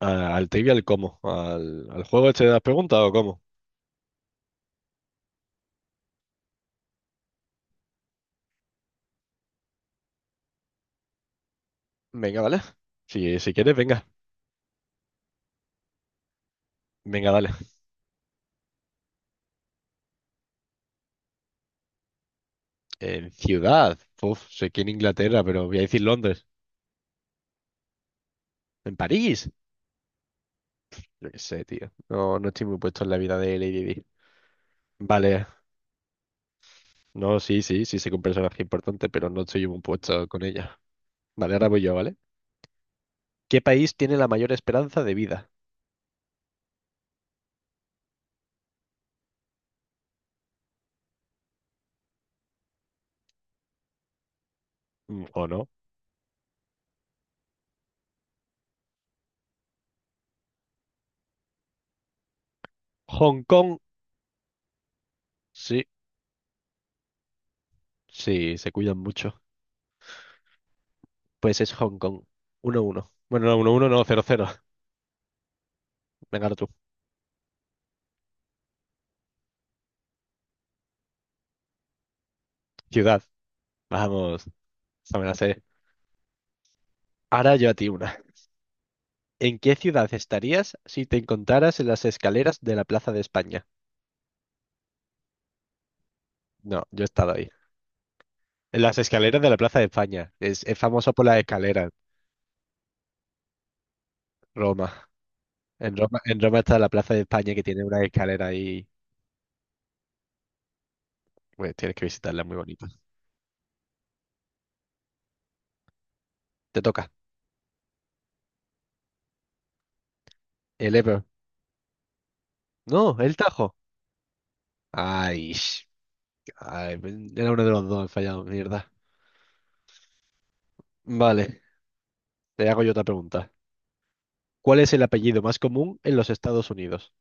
Al trivial cómo, al juego este de las preguntas o cómo. Venga, vale. Si, si quieres, venga. Venga, dale. En ciudad. Uf, sé que en Inglaterra, pero voy a decir Londres. En París. Yo qué sé, tío. No, no estoy muy puesto en la vida de Lady Di. Vale. No, sí, sí, sí sé que un personaje importante, pero no estoy muy puesto con ella. Vale, ahora voy yo, ¿vale? ¿Qué país tiene la mayor esperanza de vida? ¿O no? Hong Kong. Sí, sí, se cuidan mucho. Pues es Hong Kong. Uno uno. Bueno, no, uno 1 no, cero cero. Venga, ahora tú. Ciudad. Vamos, esta me la sé. Ahora yo a ti una. ¿En qué ciudad estarías si te encontraras en las escaleras de la Plaza de España? No, yo he estado ahí. En las escaleras de la Plaza de España. Es famoso por las escaleras, Roma. En Roma, en Roma está la Plaza de España que tiene una escalera ahí. Bueno, tienes que visitarla, es muy bonita. Te toca. El Ebro. No, el Tajo. Ay, ay, era uno de los dos, he fallado, mierda. Vale, te hago yo otra pregunta. ¿Cuál es el apellido más común en los Estados Unidos?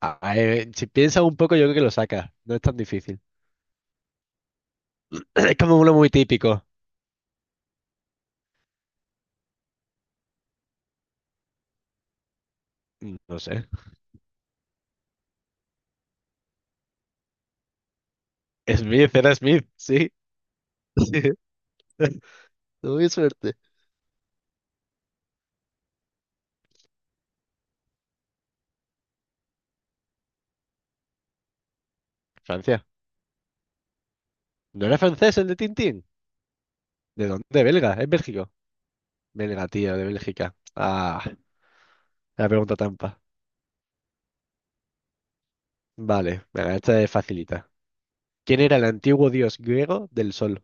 Ah, si piensas un poco, yo creo que lo sacas. No es tan difícil. Es como uno muy típico. No sé. Smith, era Smith, sí. Sí. Tuve suerte. Francia. ¿No era francés el de Tintín? ¿De dónde? ¿De Belga? ¿Es Bélgico? Belga, tío, de Bélgica. Ah, la pregunta trampa. Vale, venga, esta es facilita. ¿Quién era el antiguo dios griego del sol?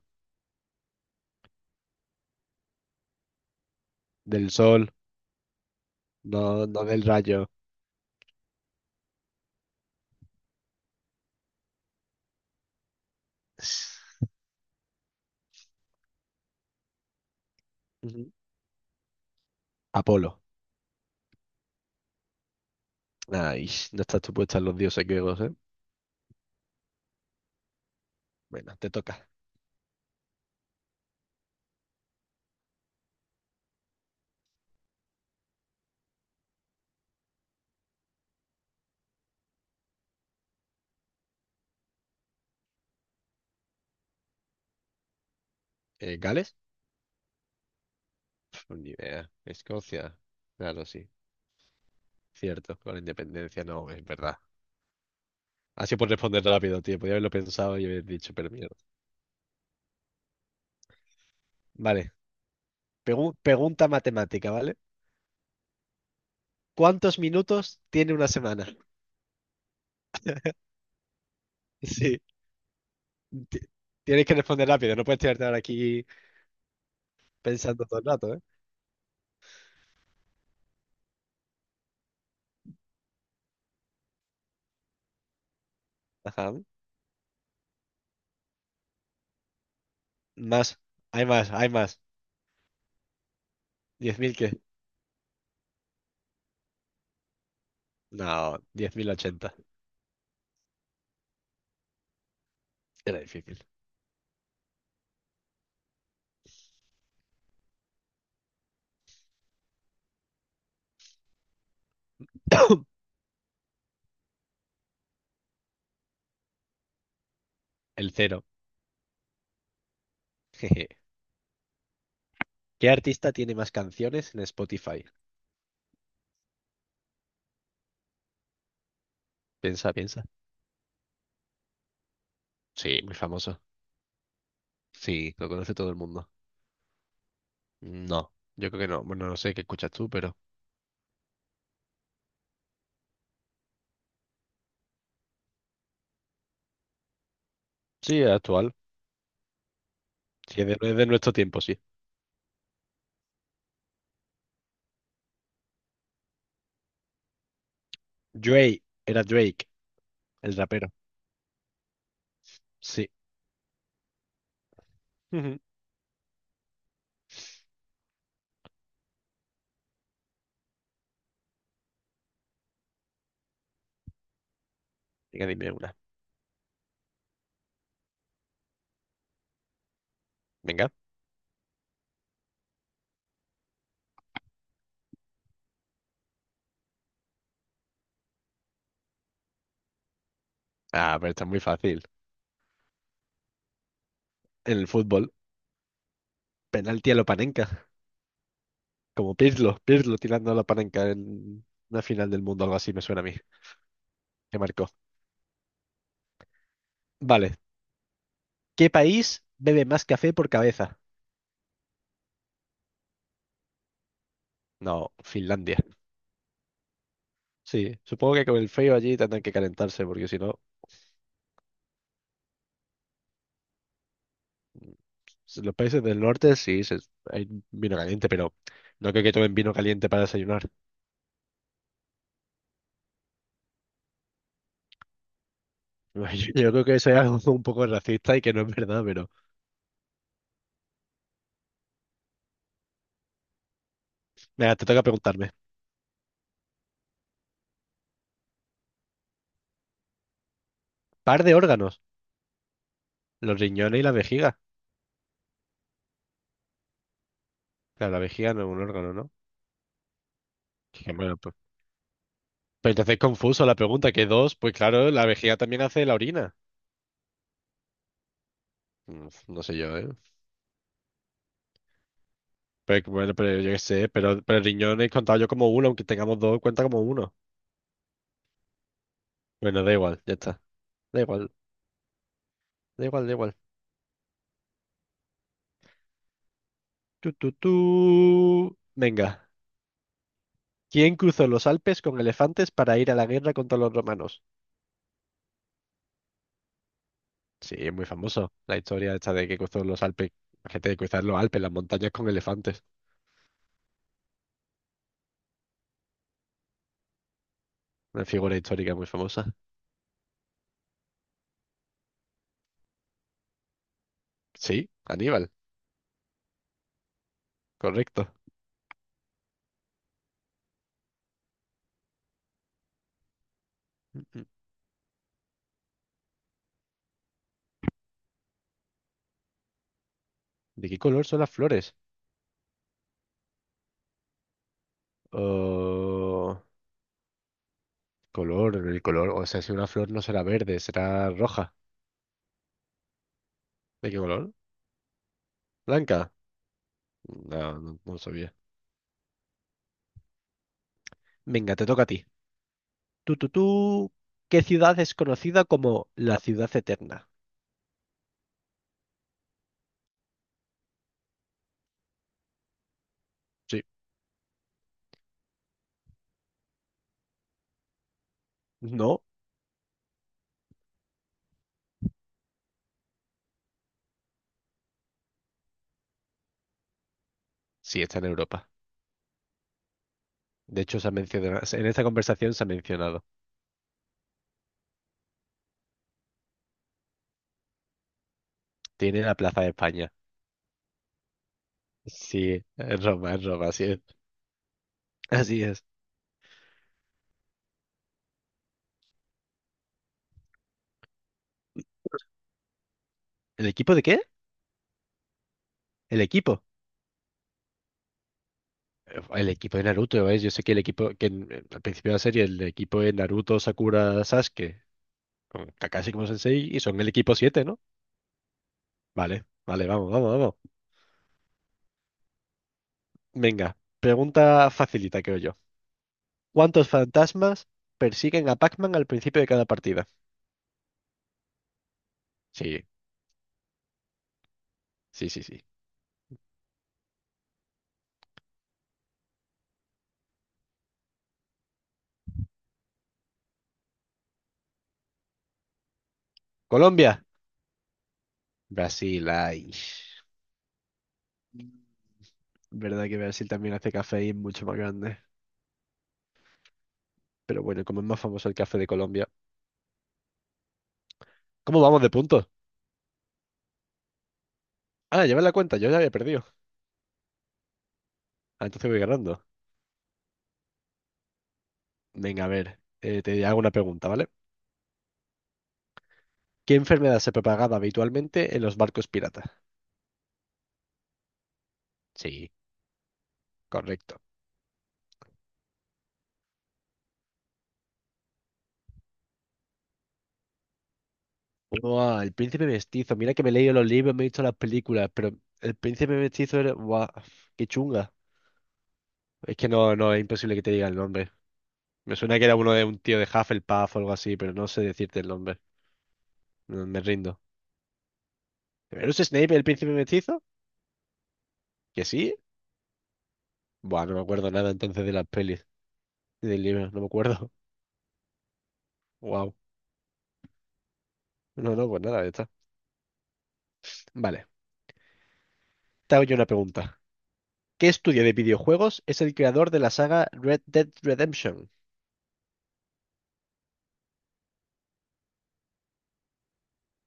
Del sol, no, no del rayo. Ujú. Apolo. Ay, no estás tú puesta en los dioses griegos, ¿eh? Bueno, te toca. ¿Gales? Pf, ni idea. Escocia. Claro, sí. Cierto, con la independencia no, es verdad. Así por responder rápido, tío. Podría haberlo pensado y haber dicho, pero mierda. Vale. Pregunta matemática, ¿vale? ¿Cuántos minutos tiene una semana? Sí. Ti- Tienes que responder rápido. No puedes tirarte ahora aquí pensando todo el rato, ¿eh? Ajá. Más. Hay más, hay más. ¿10.000 qué? No, 10.080. Era difícil. El cero. Jeje. ¿Qué artista tiene más canciones en Spotify? Piensa, piensa. Sí, muy famoso. Sí, lo conoce todo el mundo. No, yo creo que no. Bueno, no sé qué escuchas tú, pero... Sí, es actual. Sí, es de nuestro tiempo, sí. Drake, era Drake, el rapero. Sí. Ujú. Venga, dime una. Venga. Ah, pero está muy fácil. En el fútbol, penalti a lo Panenka. Como Pirlo, Pirlo tirando a lo Panenka en una final del mundo, algo así me suena a mí. Que marcó. Vale. ¿Qué país bebe más café por cabeza? No, Finlandia. Sí, supongo que con el frío allí tendrán que calentarse, porque si no. Si los países del norte sí, hay vino caliente, pero no creo que tomen vino caliente para desayunar. Yo, yo creo que eso es algo un poco racista y que no es verdad, pero... Venga, te toca preguntarme. Par de órganos, los riñones y la vejiga. Claro, la vejiga no es un órgano, ¿no? Que bueno, pues entonces es confuso la pregunta, que dos, pues claro, la vejiga también hace la orina. No sé yo, ¿eh? Pero, bueno, pero yo qué sé, pero el riñón he contado yo como uno, aunque tengamos dos, cuenta como uno. Bueno, da igual, ya está. Da igual, da igual, da igual. Tú, tú, tú. Venga. ¿Quién cruzó los Alpes con elefantes para ir a la guerra contra los romanos? Sí, es muy famoso la historia esta de que cruzó los Alpes, la gente de cruzar los Alpes, las montañas con elefantes. Una figura histórica muy famosa. Sí, Aníbal, correcto. Mm, mm. ¿De qué color son las flores? Oh, color, el color, o sea, si una flor no será verde, será roja. ¿De qué color? ¿Blanca? No, no, no sabía. Venga, te toca a ti. Tú, tú, tú. ¿Qué ciudad es conocida como la ciudad eterna? Sí. No, sí, está en Europa. De hecho, se ha mencionado, en esta conversación se ha mencionado. Tiene la Plaza de España. Sí, en Roma, así es. Así es. ¿El equipo de qué? El equipo. El equipo de Naruto, ¿eh? Yo sé que el equipo, que al principio de la serie, el equipo de Naruto, Sakura, Sasuke, con Kakashi como sensei, y son el equipo siete, ¿no? Vale, vale, vamos, vamos, vamos. Venga, pregunta facilita, creo yo. ¿Cuántos fantasmas persiguen a Pac-Man al principio de cada partida? Sí, sí, sí, sí. Colombia. Brasil, ay. Verdad que Brasil también hace café mucho más grande. Pero bueno, como es más famoso el café de Colombia. ¿Cómo vamos de puntos? Ah, lleva la cuenta, yo ya había perdido. Ah, entonces voy ganando. Venga, a ver, te hago una pregunta, ¿vale? ¿Qué enfermedad se propagaba habitualmente en los barcos piratas? Sí, correcto. Buah, el príncipe mestizo. Mira que me he leído los libros, me he visto las películas, pero el príncipe mestizo era... Buah, qué chunga. Es que no, no, es imposible que te diga el nombre. Me suena que era uno de un tío de Hufflepuff o algo así, pero no sé decirte el nombre. No, me rindo. ¿Pero es Snape el príncipe mestizo? ¿Que sí? Buah, no me acuerdo nada entonces de las pelis y del libro, no me acuerdo. Wow. No, no, pues nada, ya está. Vale, te hago yo una pregunta. ¿Qué estudio de videojuegos es el creador de la saga Red Dead Redemption?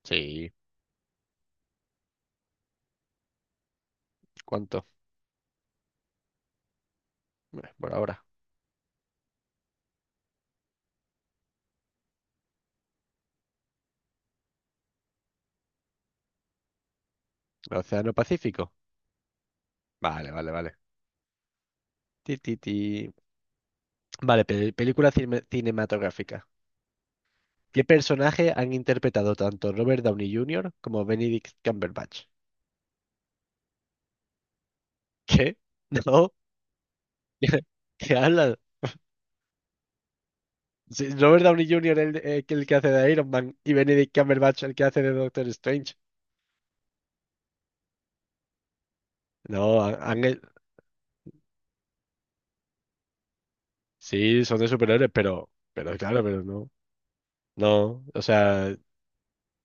Sí. ¿Cuánto? Por ahora. ¿El Océano Pacífico? Vale, vale, vale. Ti, ti, ti. Vale, película cinematográfica. ¿Qué personaje han interpretado tanto Robert Downey Jr. como Benedict Cumberbatch? ¿Qué? No. ¿Qué habla? Sí, Robert Downey Jr., el que hace de Iron Man, y Benedict Cumberbatch, el que hace de Doctor Strange. No, sí, son de superhéroes, pero claro, pero no. No, o sea,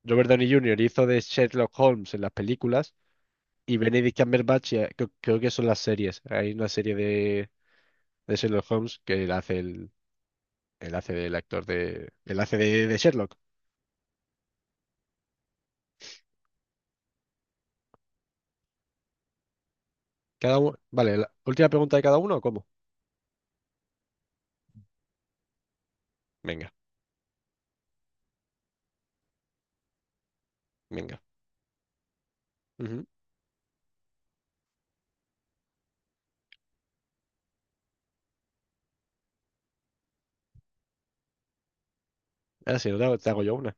Robert Downey Jr. hizo de Sherlock Holmes en las películas, y Benedict Cumberbatch creo que son las series. Hay una serie de Sherlock Holmes que él hace el, él hace del actor de, él hace de Sherlock. Cada uno, vale, la última pregunta de cada uno, ¿o cómo? Venga, venga. Ujú. Ahora sí, te hago yo una.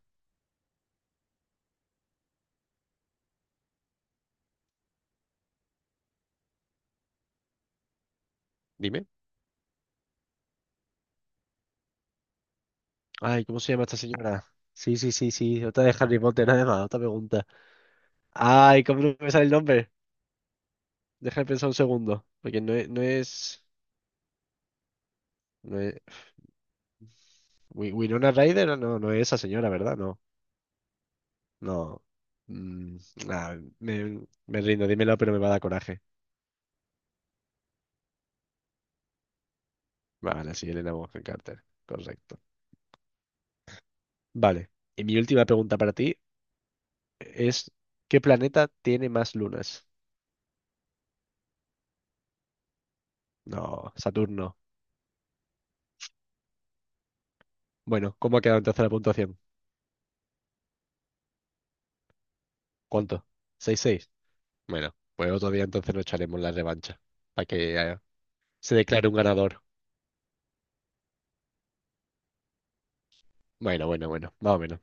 Dime. Ay, ¿cómo se llama esta señora? Sí, sí, sí, sí. Otra de Harry Potter, además, otra pregunta. Ay, ¿cómo no me sale el nombre? Deja de pensar un segundo. Porque no es, no es. No es- Wi- Winona Ryder, no, no es esa señora, ¿verdad? No, no. Mm, ah, me, Me rindo, dímelo, pero me va a dar coraje. Vale, sí, Elena Bonham Carter. Correcto. Vale. Y mi última pregunta para ti es: ¿qué planeta tiene más lunas? No, Saturno. Bueno, ¿cómo ha quedado entonces la puntuación? ¿Cuánto? Seis seis. Bueno, pues otro día entonces nos echaremos la revancha para que se declare un ganador. Bueno, bueno, bueno, más o menos.